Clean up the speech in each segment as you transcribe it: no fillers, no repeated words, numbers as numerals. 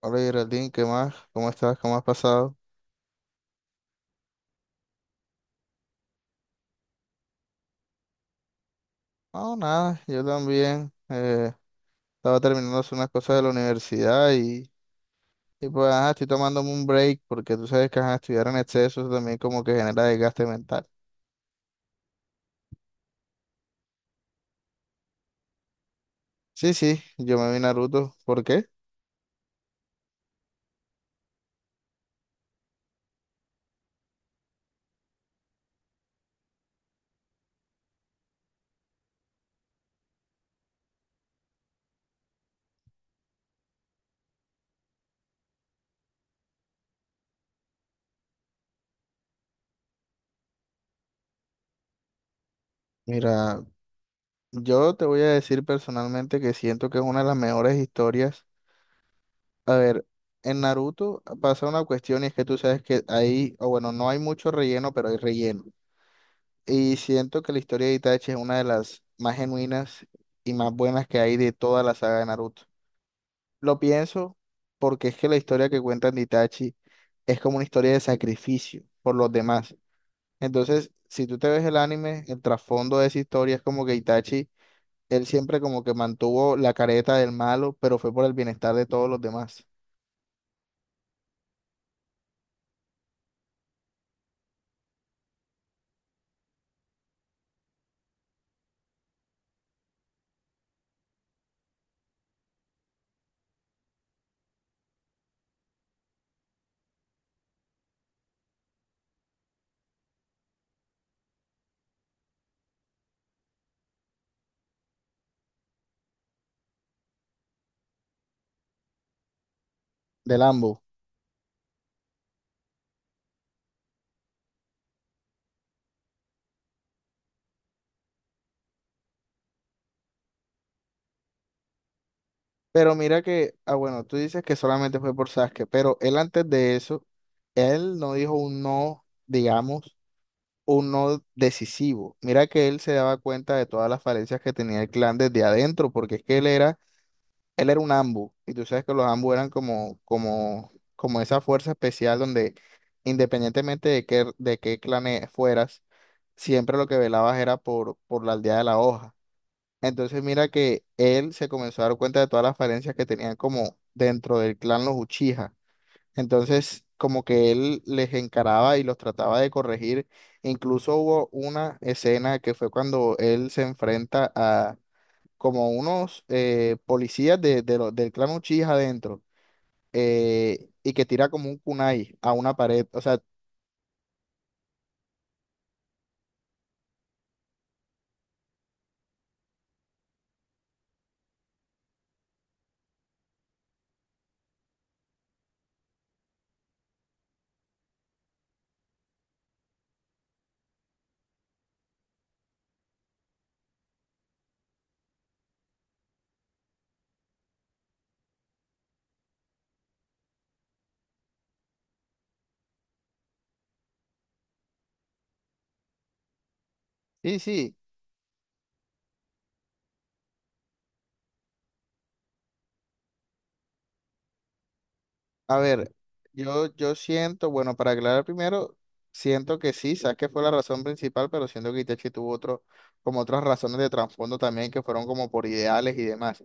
Hola Geraldine, ¿qué más? ¿Cómo estás? ¿Cómo has pasado? No, nada, yo también. Estaba terminando de hacer unas cosas de la universidad y pues ajá, estoy tomándome un break porque tú sabes que ajá, estudiar en exceso eso también como que genera desgaste mental. Sí, sí, yo me vi Naruto. ¿Por qué? Mira, yo te voy a decir personalmente que siento que es una de las mejores historias. A ver, en Naruto pasa una cuestión y es que tú sabes que ahí, o bueno, no hay mucho relleno, pero hay relleno. Y siento que la historia de Itachi es una de las más genuinas y más buenas que hay de toda la saga de Naruto. Lo pienso porque es que la historia que cuentan de Itachi es como una historia de sacrificio por los demás. Entonces, si tú te ves el anime, el trasfondo de esa historia es como que Itachi, él siempre como que mantuvo la careta del malo, pero fue por el bienestar de todos los demás, del ambos. Pero mira que, ah, bueno, tú dices que solamente fue por Sasuke, pero él antes de eso, él no dijo un no, digamos un no decisivo. Mira que él se daba cuenta de todas las falencias que tenía el clan desde adentro, porque es que él era un ambu, y tú sabes que los ambu eran como, como esa fuerza especial donde independientemente de qué clan e- fueras, siempre lo que velabas era por la aldea de la hoja. Entonces mira que él se comenzó a dar cuenta de todas las falencias que tenían como dentro del clan los Uchiha. Entonces, como que él les encaraba y los trataba de corregir. Incluso hubo una escena que fue cuando él se enfrenta a como unos policías de lo- del clan Uchiha adentro, y que tira como un kunai a una pared. O sea, sí, sí. A ver, yo siento, bueno, para aclarar primero, siento que sí, que fue la razón principal, pero siento que Itachi tuvo otro, como otras razones de trasfondo también que fueron como por ideales y demás.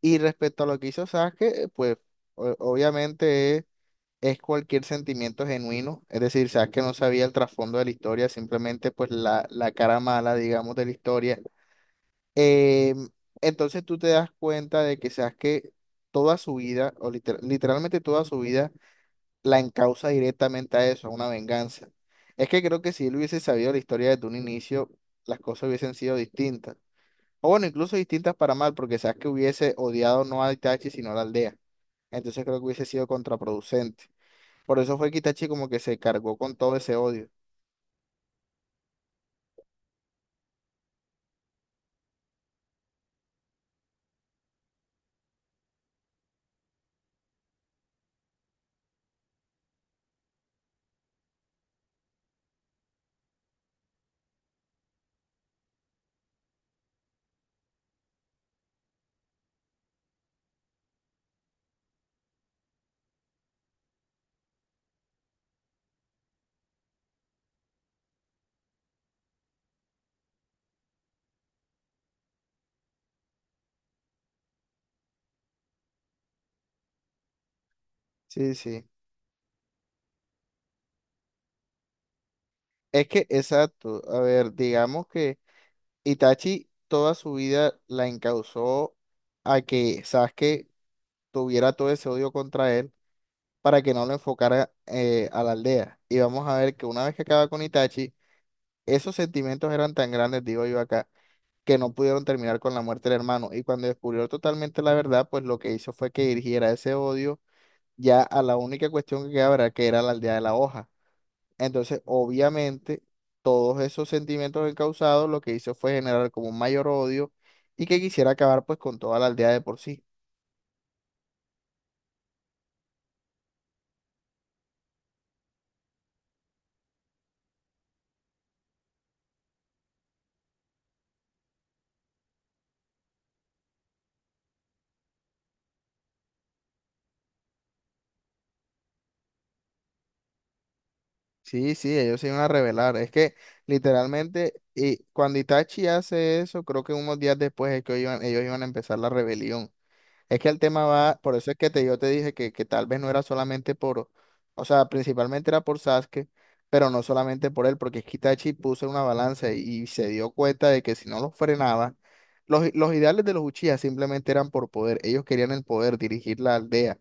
Y respecto a lo que hizo Sasuke, pues o- obviamente es cualquier sentimiento genuino, es decir, Sasuke no sabía el trasfondo de la historia, simplemente pues la cara mala, digamos, de la historia. Eh, entonces tú te das cuenta de que Sasuke toda su vida, o liter- literalmente toda su vida, la encausa directamente a eso, a una venganza. Es que creo que si él hubiese sabido la historia desde un inicio, las cosas hubiesen sido distintas. O bueno, incluso distintas para mal, porque sabes que hubiese odiado no a Itachi, sino a la aldea. Entonces creo que hubiese sido contraproducente. Por eso fue que Itachi como que se cargó con todo ese odio. Sí, sí. Es que, exacto. A ver, digamos que Itachi toda su vida la encausó a que Sasuke tuviera todo ese odio contra él para que no lo enfocara, a la aldea. Y vamos a ver que una vez que acaba con Itachi, esos sentimientos eran tan grandes, digo yo acá que no pudieron terminar con la muerte del hermano. Y cuando descubrió totalmente la verdad, pues lo que hizo fue que dirigiera ese odio ya a la única cuestión que quedaba, era que era la aldea de la hoja. Entonces, obviamente, todos esos sentimientos encausados lo que hizo fue generar como un mayor odio y que quisiera acabar pues con toda la aldea de por sí. Sí, sí, ellos se iban a rebelar. Es que literalmente, y cuando Itachi hace eso, creo que unos días después es que ellos iban a empezar la rebelión. Es que el tema va, por eso es que te, yo te dije que tal vez no era solamente por, o sea, principalmente era por Sasuke, pero no solamente por él, porque es que Itachi puso en una balanza y se dio cuenta de que si no los frenaba, los ideales de los Uchiha simplemente eran por poder, ellos querían el poder, dirigir la aldea.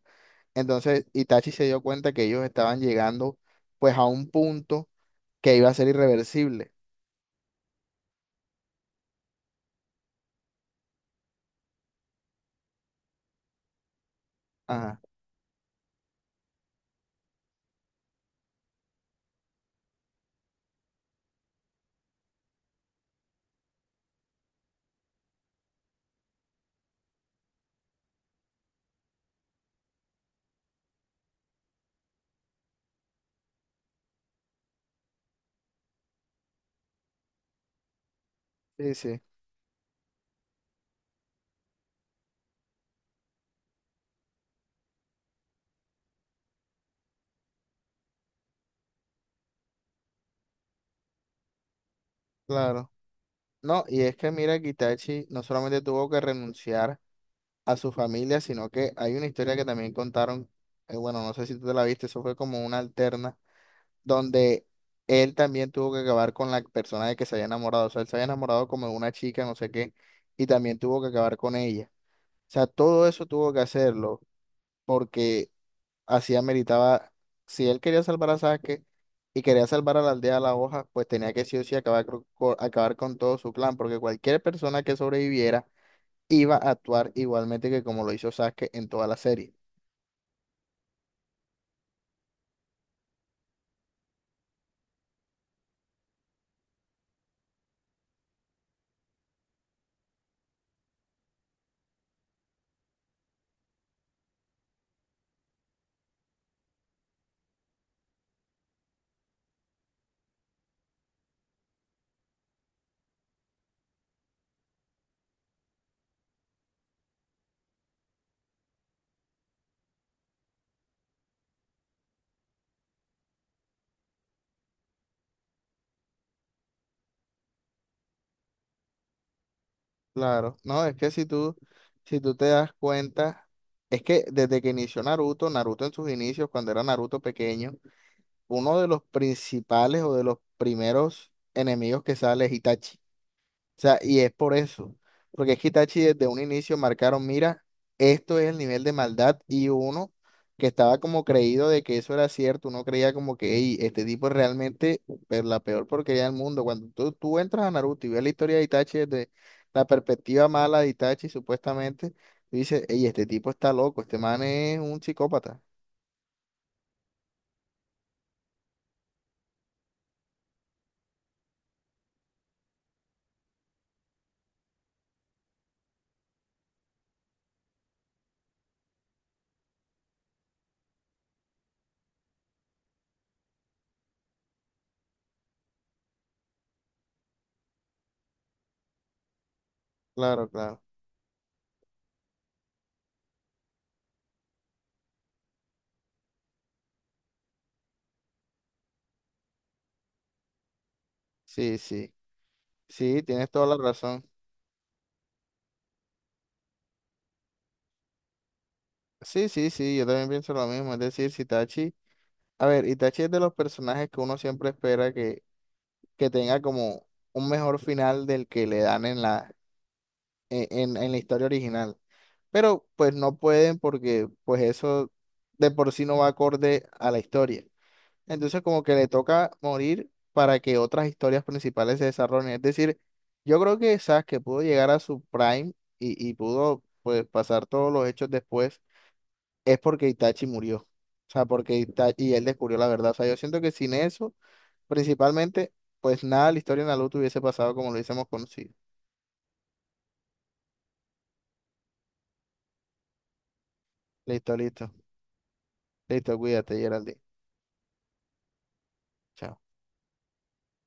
Entonces Itachi se dio cuenta que ellos estaban llegando pues a un punto que iba a ser irreversible. Ajá, sí, sí, claro. No, y es que mira que Itachi no solamente tuvo que renunciar a su familia, sino que hay una historia que también contaron. Bueno, no sé si tú te la viste, eso fue como una alterna, donde él también tuvo que acabar con la persona de que se había enamorado, o sea, él se había enamorado como de una chica, no sé qué, y también tuvo que acabar con ella. O sea, todo eso tuvo que hacerlo porque así ameritaba, si él quería salvar a Sasuke y quería salvar a la aldea de la hoja, pues tenía que sí o sí acabar, cro- co- acabar con todo su clan, porque cualquier persona que sobreviviera, iba a actuar igualmente que como lo hizo Sasuke en toda la serie. Claro, no, es que si tú te das cuenta, es que desde que inició Naruto, Naruto en sus inicios, cuando era Naruto pequeño, uno de los principales o de los primeros enemigos que sale es Itachi. O sea, y es por eso, porque es que Itachi desde un inicio marcaron, mira, esto es el nivel de maldad y uno que estaba como creído de que eso era cierto, uno creía como que: "Ey, este tipo es realmente pe- la peor porquería del mundo". Cuando tú entras a Naruto y ves la historia de Itachi desde la perspectiva mala de Itachi, supuestamente, tú dices, ey, este tipo está loco, este man es un psicópata. Claro, claro. Sí, sí. Sí, tienes toda la razón. Sí, sí, sí, yo también pienso lo mismo. Es decir, si Itachi... A ver, Itachi es de los personajes que uno siempre espera que tenga como un mejor final del que le dan en en la historia original. Pero pues no pueden porque pues eso de por sí no va acorde a la historia. Entonces como que le toca morir para que otras historias principales se desarrollen. Es decir, yo creo que Sasuke pudo llegar a su prime y pudo pues pasar todos los hechos después es porque Itachi murió. O sea, porque Itachi, y él descubrió la verdad. O sea, yo siento que sin eso, principalmente, pues nada, la historia de Naruto hubiese pasado como lo hubiésemos conocido. Listo, listo. Listo, cuídate, Geraldine. Chao.